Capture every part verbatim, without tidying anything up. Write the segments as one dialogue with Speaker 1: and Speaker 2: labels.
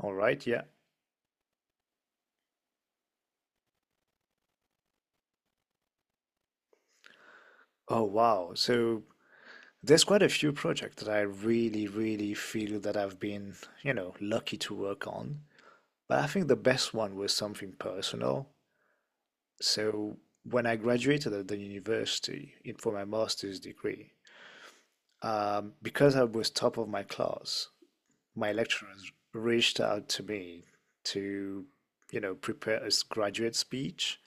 Speaker 1: All right, yeah. Oh, wow. So there's quite a few projects that I really, really feel that I've been, you know, lucky to work on. But I think the best one was something personal. So when I graduated at the university in, for my master's degree, um, because I was top of my class, my lecturers reached out to me to, you know, prepare a s- graduate speech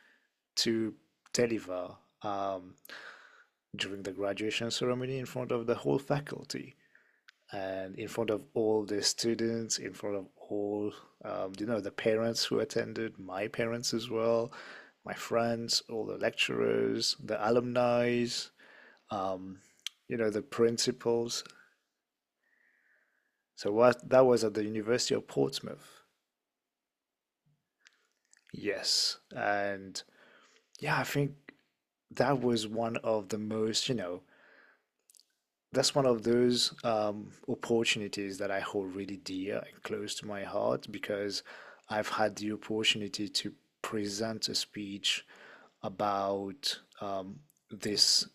Speaker 1: to deliver. Um, During the graduation ceremony in front of the whole faculty and in front of all the students, in front of all, um, you know, the parents who attended, my parents as well, my friends, all the lecturers, the alumni, um, you know, the principals. So what that was at the University of Portsmouth. Yes, and yeah, I think that was one of the most, you know, that's one of those um, opportunities that I hold really dear and close to my heart because I've had the opportunity to present a speech about um, this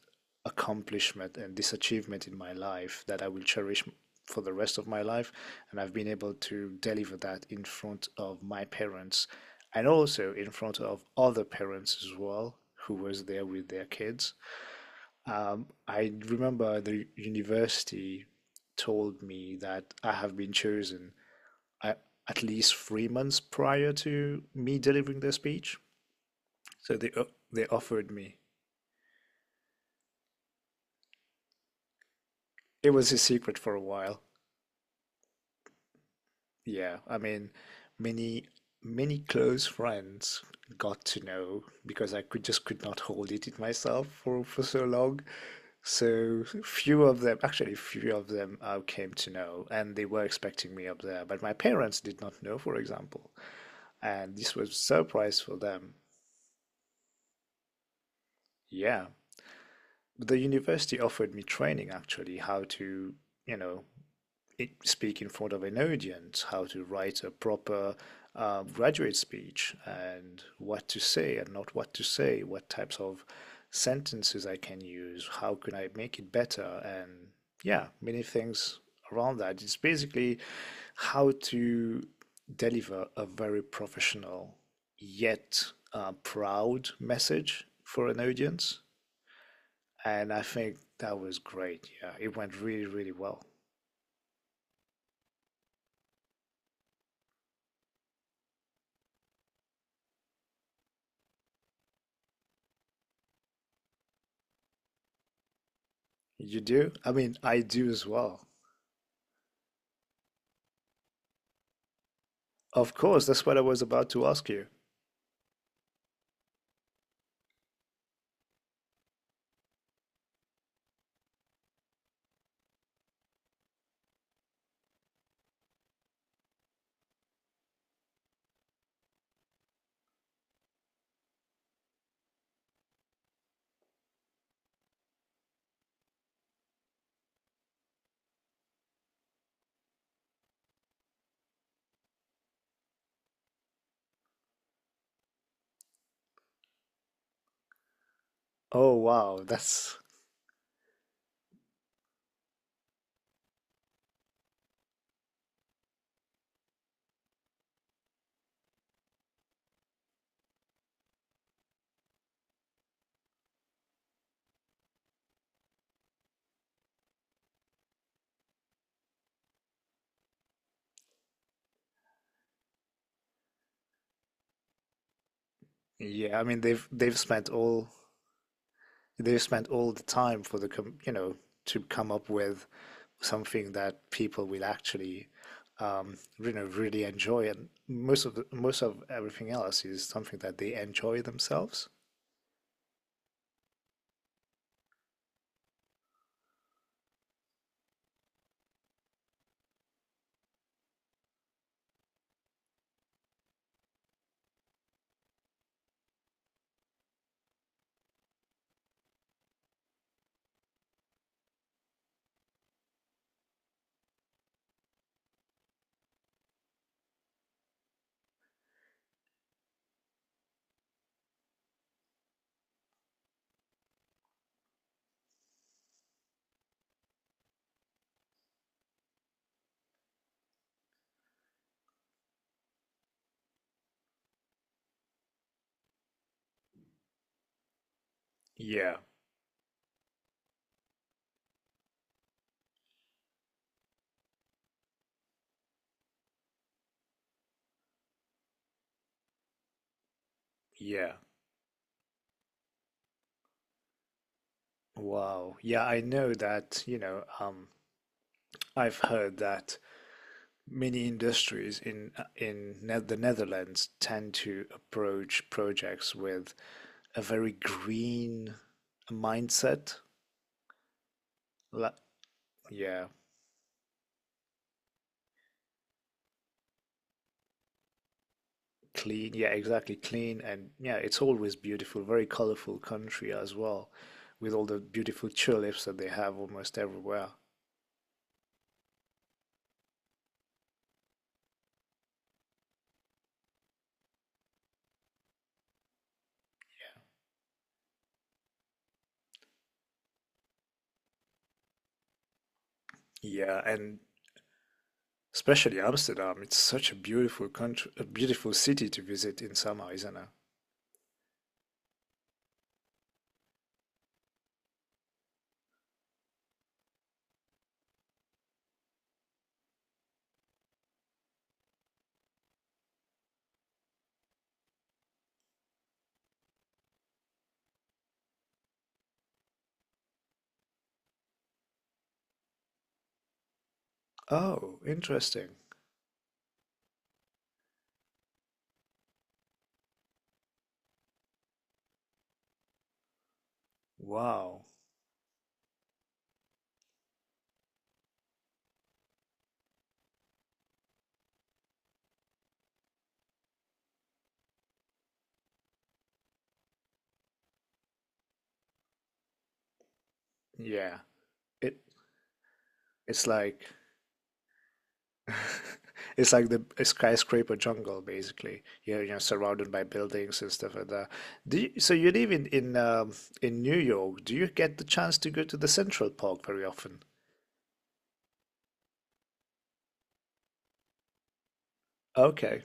Speaker 1: accomplishment and this achievement in my life that I will cherish for the rest of my life. And I've been able to deliver that in front of my parents and also in front of other parents as well who was there with their kids. Um, I remember the university told me that I have been chosen a- at least three months prior to me delivering the speech. So they o- they offered me. It was a secret for a while. Yeah, I mean, many many close friends got to know because I could just could not hold it in myself for for so long. So few of them, actually, few of them I came to know, and they were expecting me up there, but my parents did not know, for example, and this was a surprise for them. Yeah, the university offered me training actually, how to, you know, speak in front of an audience, how to write a proper uh, graduate speech, and what to say and not what to say, what types of sentences I can use, how can I make it better, and yeah, many things around that. It's basically how to deliver a very professional yet uh, proud message for an audience. And I think that was great. Yeah, it went really, really well. You do? I mean, I do as well. Of course, that's what I was about to ask you. Oh wow, that's yeah, I mean they've they've spent all they've spent all the time for the com you know to come up with something that people will actually um you know really enjoy and most of the, most of everything else is something that they enjoy themselves. Yeah, yeah. Wow. Yeah, I know that, you know, um I've heard that many industries in in Ne- the Netherlands tend to approach projects with a very green mindset. La- yeah, clean. Yeah, exactly, clean. And yeah, it's always beautiful, very colorful country as well, with all the beautiful tulips that they have almost everywhere. Yeah, and especially Amsterdam. It's such a beautiful country, a beautiful city to visit in summer, isn't it? Oh, interesting. Wow. Yeah. It It's like it's like the skyscraper jungle, basically. You're, you're surrounded by buildings and stuff like that. Do you, so you live in in um, in New York. Do you get the chance to go to the Central Park very often? Okay,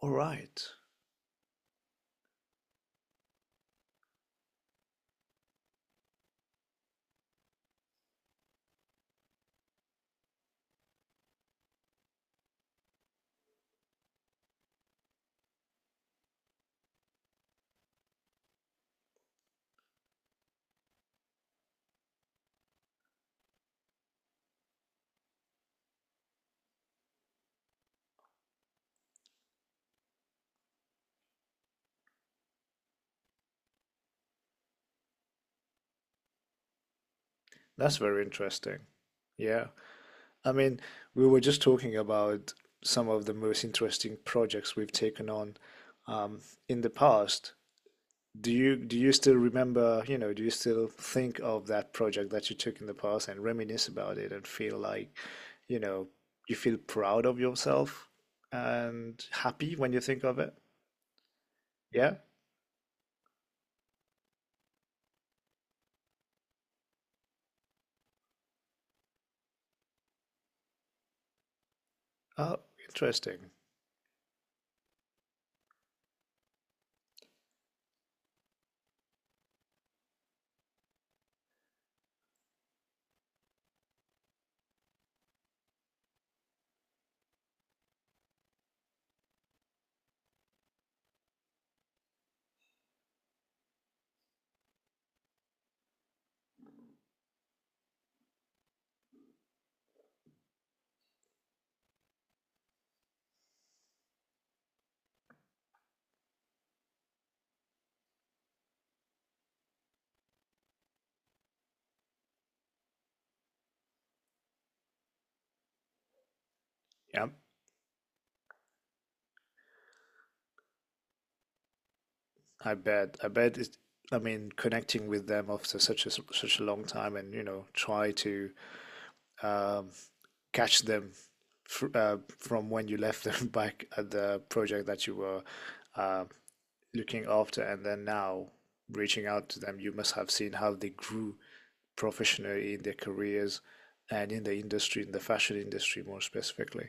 Speaker 1: all right. That's very interesting. Yeah. I mean, we were just talking about some of the most interesting projects we've taken on um, in the past. Do you do you still remember, you know, do you still think of that project that you took in the past and reminisce about it and feel like, you know, you feel proud of yourself and happy when you think of it? Yeah? Oh, interesting. Yeah, I bet. I bet it, I mean, connecting with them after such a such a long time and, you know, try to um, catch them fr uh, from when you left them back at the project that you were uh, looking after and then now reaching out to them, you must have seen how they grew professionally in their careers and in the industry, in the fashion industry more specifically.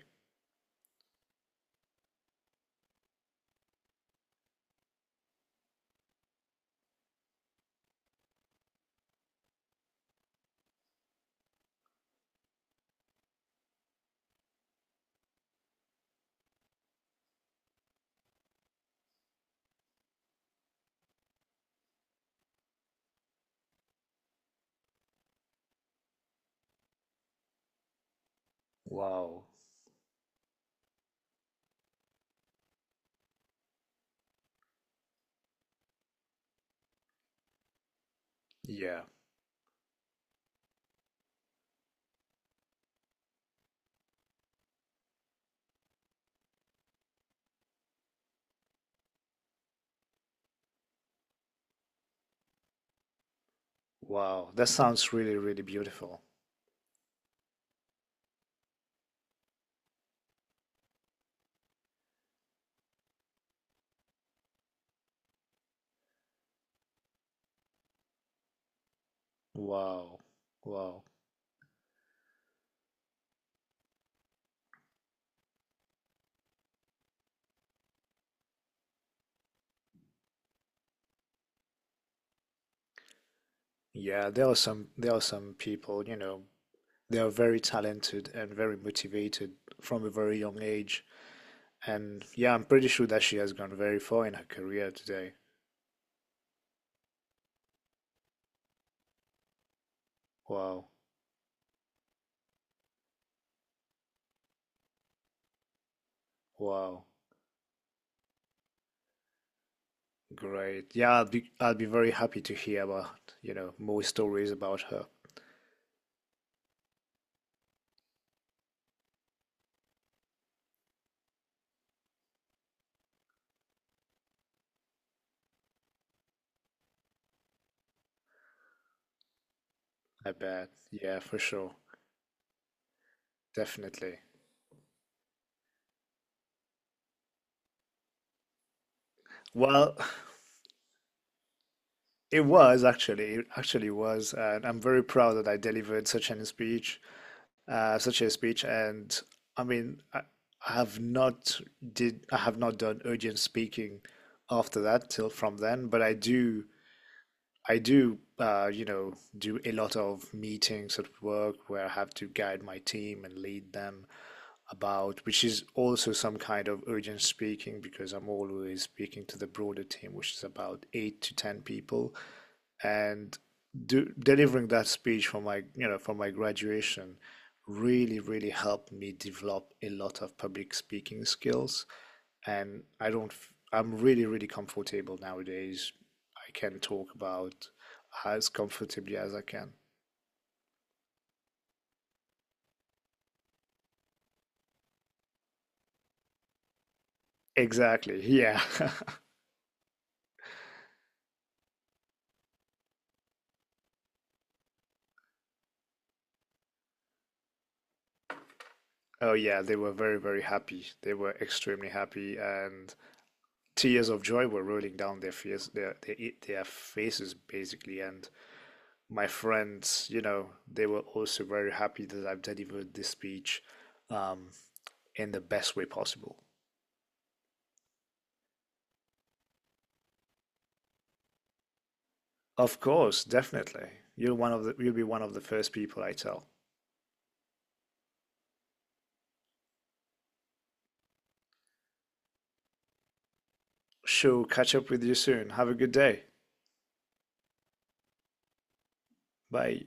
Speaker 1: Wow. Yeah. Wow. That sounds really, really beautiful. Wow. Wow. Yeah, there are some there are some people, you know, they are very talented and very motivated from a very young age. And yeah, I'm pretty sure that she has gone very far in her career today. Wow. Wow. Great. Yeah, I'd be I'd be very happy to hear about, you know, more stories about her. I bet. Yeah, for sure. Definitely. Well, it was actually, it actually was, and I'm very proud that I delivered such an speech, uh, such a speech. And I mean, I, I have not did I have not done urgent speaking after that till from then, but I do I do uh, you know do a lot of meetings at work where I have to guide my team and lead them. About, which is also some kind of urgent speaking because I'm always speaking to the broader team, which is about eight to ten people. And do, delivering that speech for my, you know, for my graduation really, really helped me develop a lot of public speaking skills. And I don't, i I'm really, really comfortable nowadays. I can talk about as comfortably as I can. Exactly. Yeah. Oh yeah, they were very, very happy. They were extremely happy, and tears of joy were rolling down their face, their, their e, their faces basically. And my friends, you know, they were also very happy that I've delivered this speech, um, in the best way possible. Of course, definitely. You're one of the, you'll be one of the first people I tell. Sure, catch up with you soon. Have a good day. Bye.